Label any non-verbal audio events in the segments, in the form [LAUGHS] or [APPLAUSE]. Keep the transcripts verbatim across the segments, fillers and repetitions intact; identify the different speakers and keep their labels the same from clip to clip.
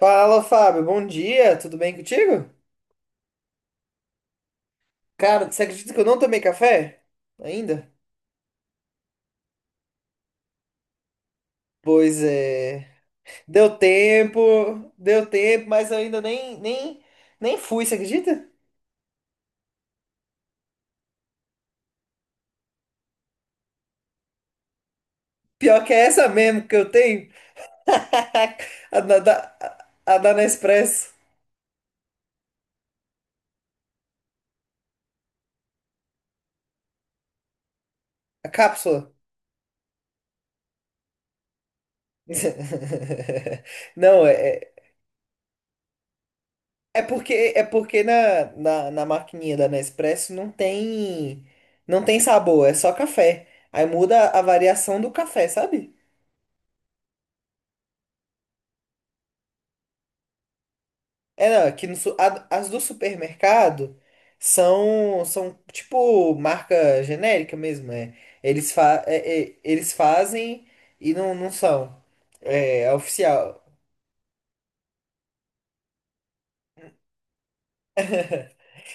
Speaker 1: Fala, Fábio. Bom dia, tudo bem contigo? Cara, você acredita que eu não tomei café? Ainda? Pois é. Deu tempo, deu tempo, mas eu ainda nem, nem, nem fui, você acredita? Pior que é essa mesmo que eu tenho. [LAUGHS] A da, da, a da Nespresso. A cápsula. [LAUGHS] Não, é, é, É porque, é porque na, na, na maquininha da Nespresso não tem, não tem sabor, é só café. Aí muda a variação do café, sabe? É, não, aqui no, su- a- as do supermercado são, são tipo marca genérica mesmo, é. Eles, fa, é- é- eles fazem e não, não são. É, é oficial.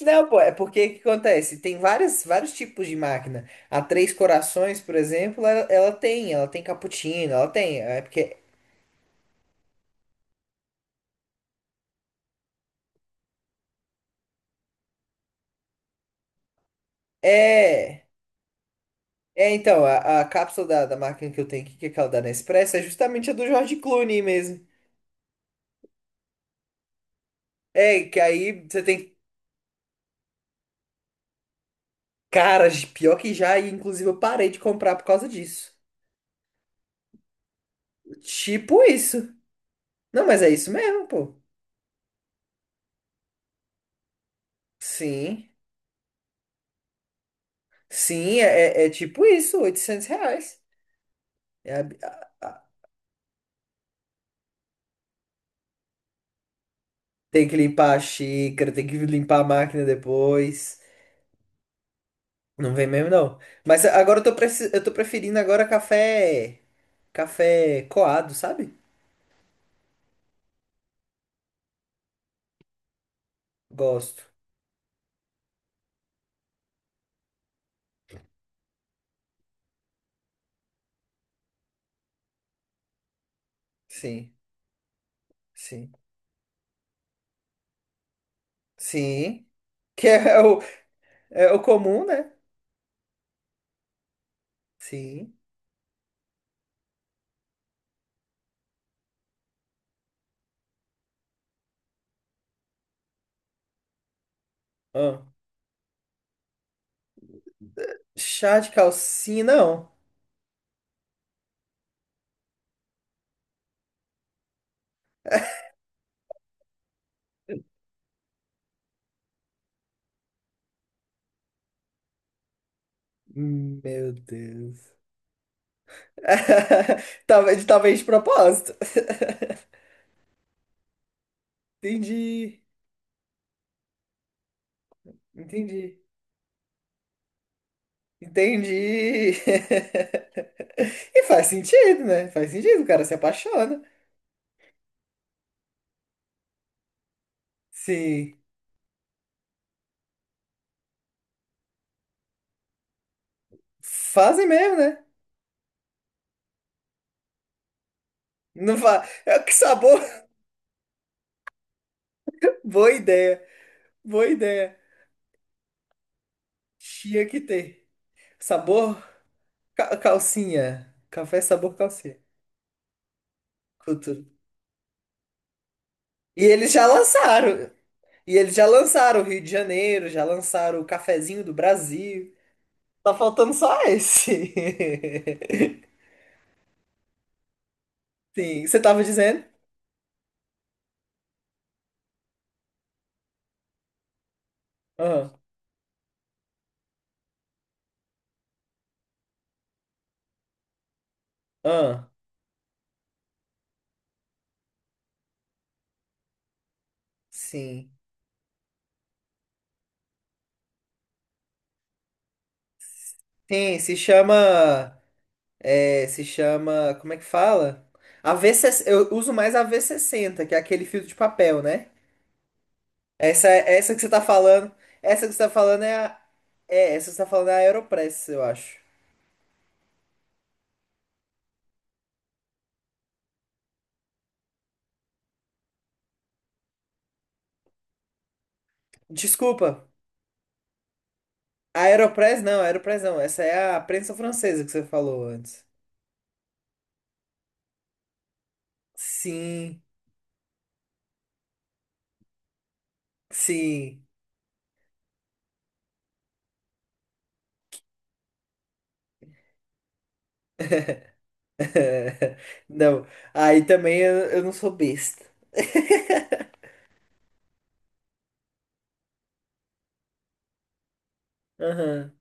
Speaker 1: Não, pô, é porque o que acontece? Tem várias, vários tipos de máquina. A Três Corações, por exemplo, ela, ela tem, ela tem cappuccino, ela tem. É porque é. É, então, a, a cápsula da, da máquina que eu tenho aqui, que é aquela da Nespresso, é justamente a do George Clooney mesmo. É, que aí você tem cara de pior que já, e inclusive eu parei de comprar por causa disso. Tipo isso. Não, mas é isso mesmo, pô. Sim. Sim, é, é é tipo isso, oitocentos reais. É, ab- Tem que limpar a xícara, tem que limpar a máquina depois. Não vem mesmo, não. Mas agora eu tô, preci- eu tô preferindo agora café. Café coado, sabe? Gosto. Sim, sim. Sim. Que é o, é o comum, né? Sim. Ah. Chá de calcinha, não. Hum, meu Deus. [LAUGHS] Talvez, talvez de propósito. [LAUGHS] Entendi. Entendi. Entendi. [LAUGHS] E faz sentido, né? Faz sentido, o cara se apaixona. Sim. Fazem mesmo, né? Não fa... [LAUGHS] É, que sabor! [LAUGHS] Boa ideia. Boa ideia. Tinha que ter. Sabor ca- calcinha. Café sabor calcinha. Cultura. E eles já lançaram. E eles já lançaram o Rio de Janeiro, já lançaram o cafezinho do Brasil. Tá faltando só esse. [LAUGHS] Sim. Você tava dizendo? ah ah Sim. Sim, se chama. É, se chama. Como é que fala? A V sessenta, eu uso mais a V sessenta que é aquele filtro de papel, né? Essa, essa que você tá falando. Essa que você tá falando é a. É, essa que você tá falando é a Aeropress, eu acho. Desculpa. A Aeropress não, a Aeropress não. Essa é a prensa francesa que você falou antes. Sim, sim. [LAUGHS] Não. Aí também eu, eu não sou besta. [LAUGHS] Aham.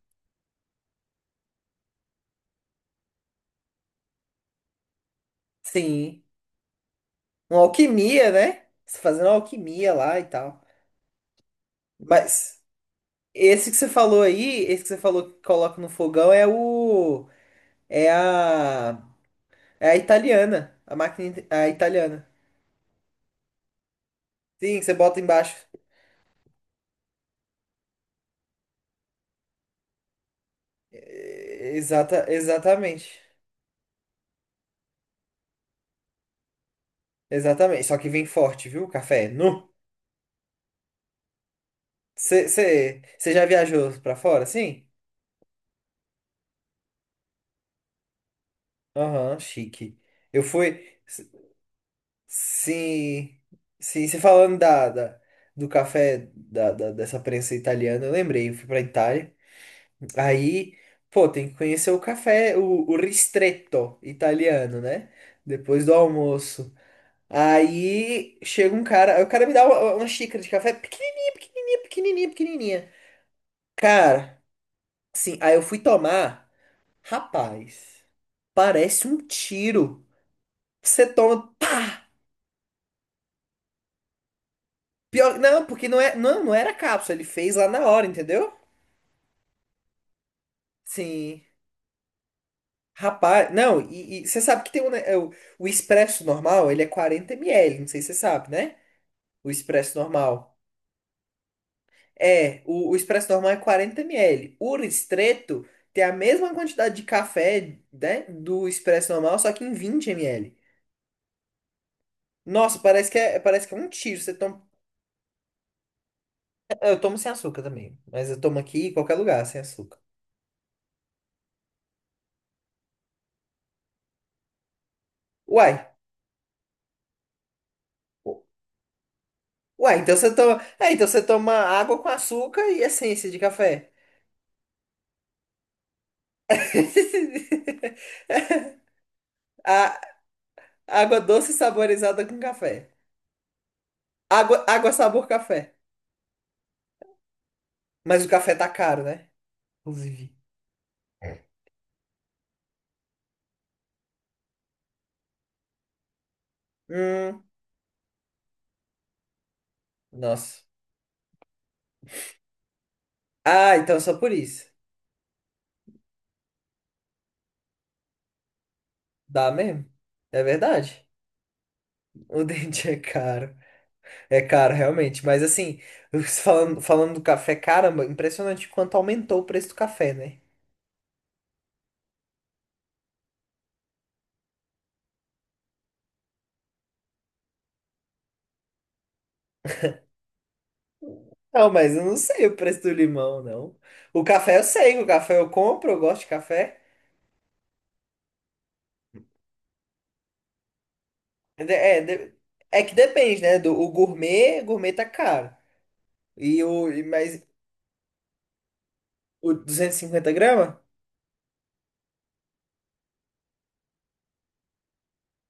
Speaker 1: Sim. Uma alquimia, né? Você fazendo alquimia lá e tal. Mas. Esse que você falou aí, esse que você falou que coloca no fogão é o. É a. É a italiana. A máquina it- a italiana. Sim, que você bota embaixo. É, Exata, exatamente. Exatamente. Só que vem forte, viu? Café. É nu. Você você- você já viajou pra fora, sim? Aham, chique. Eu fui. s- Sim. Sim, você falando da, da- do café da, da- dessa prensa italiana, eu lembrei, eu fui pra Itália. Aí, pô, tem que conhecer o café, o, o ristretto italiano, né? Depois do almoço. Aí chega um cara, aí o cara me dá uma, uma xícara de café pequenininha, pequenininha, pequenininha, pequenininha. Cara, assim, aí eu fui tomar, rapaz, parece um tiro. Você toma, pá, pior, não, porque não é, não, não era cápsula, ele fez lá na hora, entendeu? Sim. Rapaz, não, e você sabe que tem um, ne- é, o, o expresso normal, ele é quarenta mililitros, não sei se você sabe, né? O expresso normal. É, o, o expresso normal é quarenta ml. O ristretto tem a mesma quantidade de café, né, do expresso normal, só que em vinte ml. Nossa, parece que é, parece que é um tiro. Você toma... Eu tomo sem açúcar também. Mas eu tomo aqui em qualquer lugar sem açúcar. Uai. Uai, então você toma. É, então você toma água com açúcar e essência de café. [LAUGHS] A, água doce saborizada com café. Água, água sabor café. Mas o café tá caro, né? Inclusive. Hum, nossa. Ah, então é só por isso. Dá mesmo. É verdade. O [LAUGHS] dente é caro. É caro, realmente. Mas assim, [LAUGHS] falando, falando do café, caramba, impressionante quanto aumentou o preço do café, né? Não, mas eu não sei o preço do limão, não. O café eu sei, o café eu compro, eu gosto de café. É, de- é de- é que depende, né? Do, o gourmet, gourmet tá caro. E o, e- mas o duzentos e cinquenta gramas?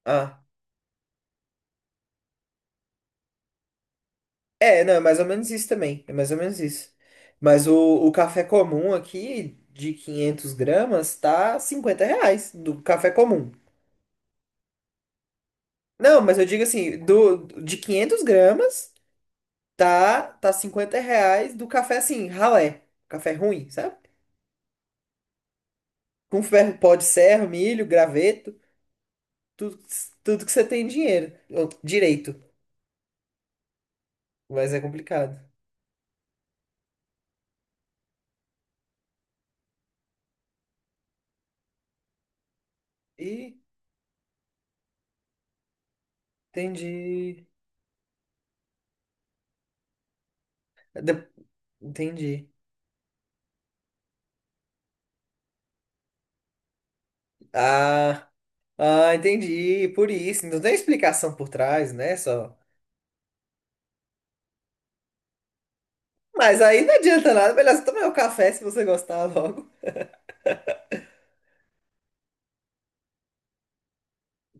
Speaker 1: Ah. É, não, é mais ou menos isso também. É mais ou menos isso. Mas o, o café comum aqui, de 500 gramas, tá cinquenta reais do café comum. Não, mas eu digo assim, do, de 500 gramas, tá, tá cinquenta reais do café assim, ralé. Café ruim, sabe? Com ferro, pó de serra, milho, graveto, tudo, tudo que você tem dinheiro. Ou direito, mas é complicado. E entendi. De- Entendi. Ah. Ah, entendi. Por isso. Não tem explicação por trás, né? Só. Mas aí não adianta nada. Melhor você tomar o café se você gostar [LAUGHS] logo.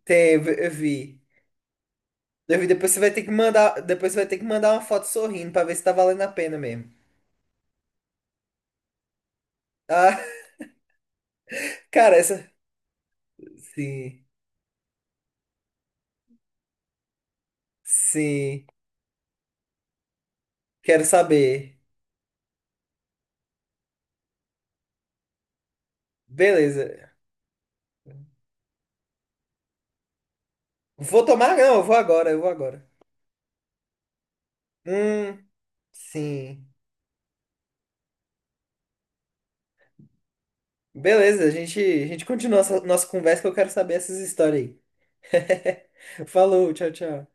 Speaker 1: Teve, eu vi. Eu vi. Eu vi, Depois você vai ter que mandar. depois você vai ter que mandar uma foto sorrindo pra ver se tá valendo a pena mesmo. Ah, [LAUGHS] cara, essa. Sim. Sim. Quero saber. Beleza. Vou tomar? Não, eu vou agora, eu vou agora. Hum, sim. Beleza, a gente, a gente continua essa nossa conversa que eu quero saber essas histórias aí. [LAUGHS] Falou, tchau, tchau.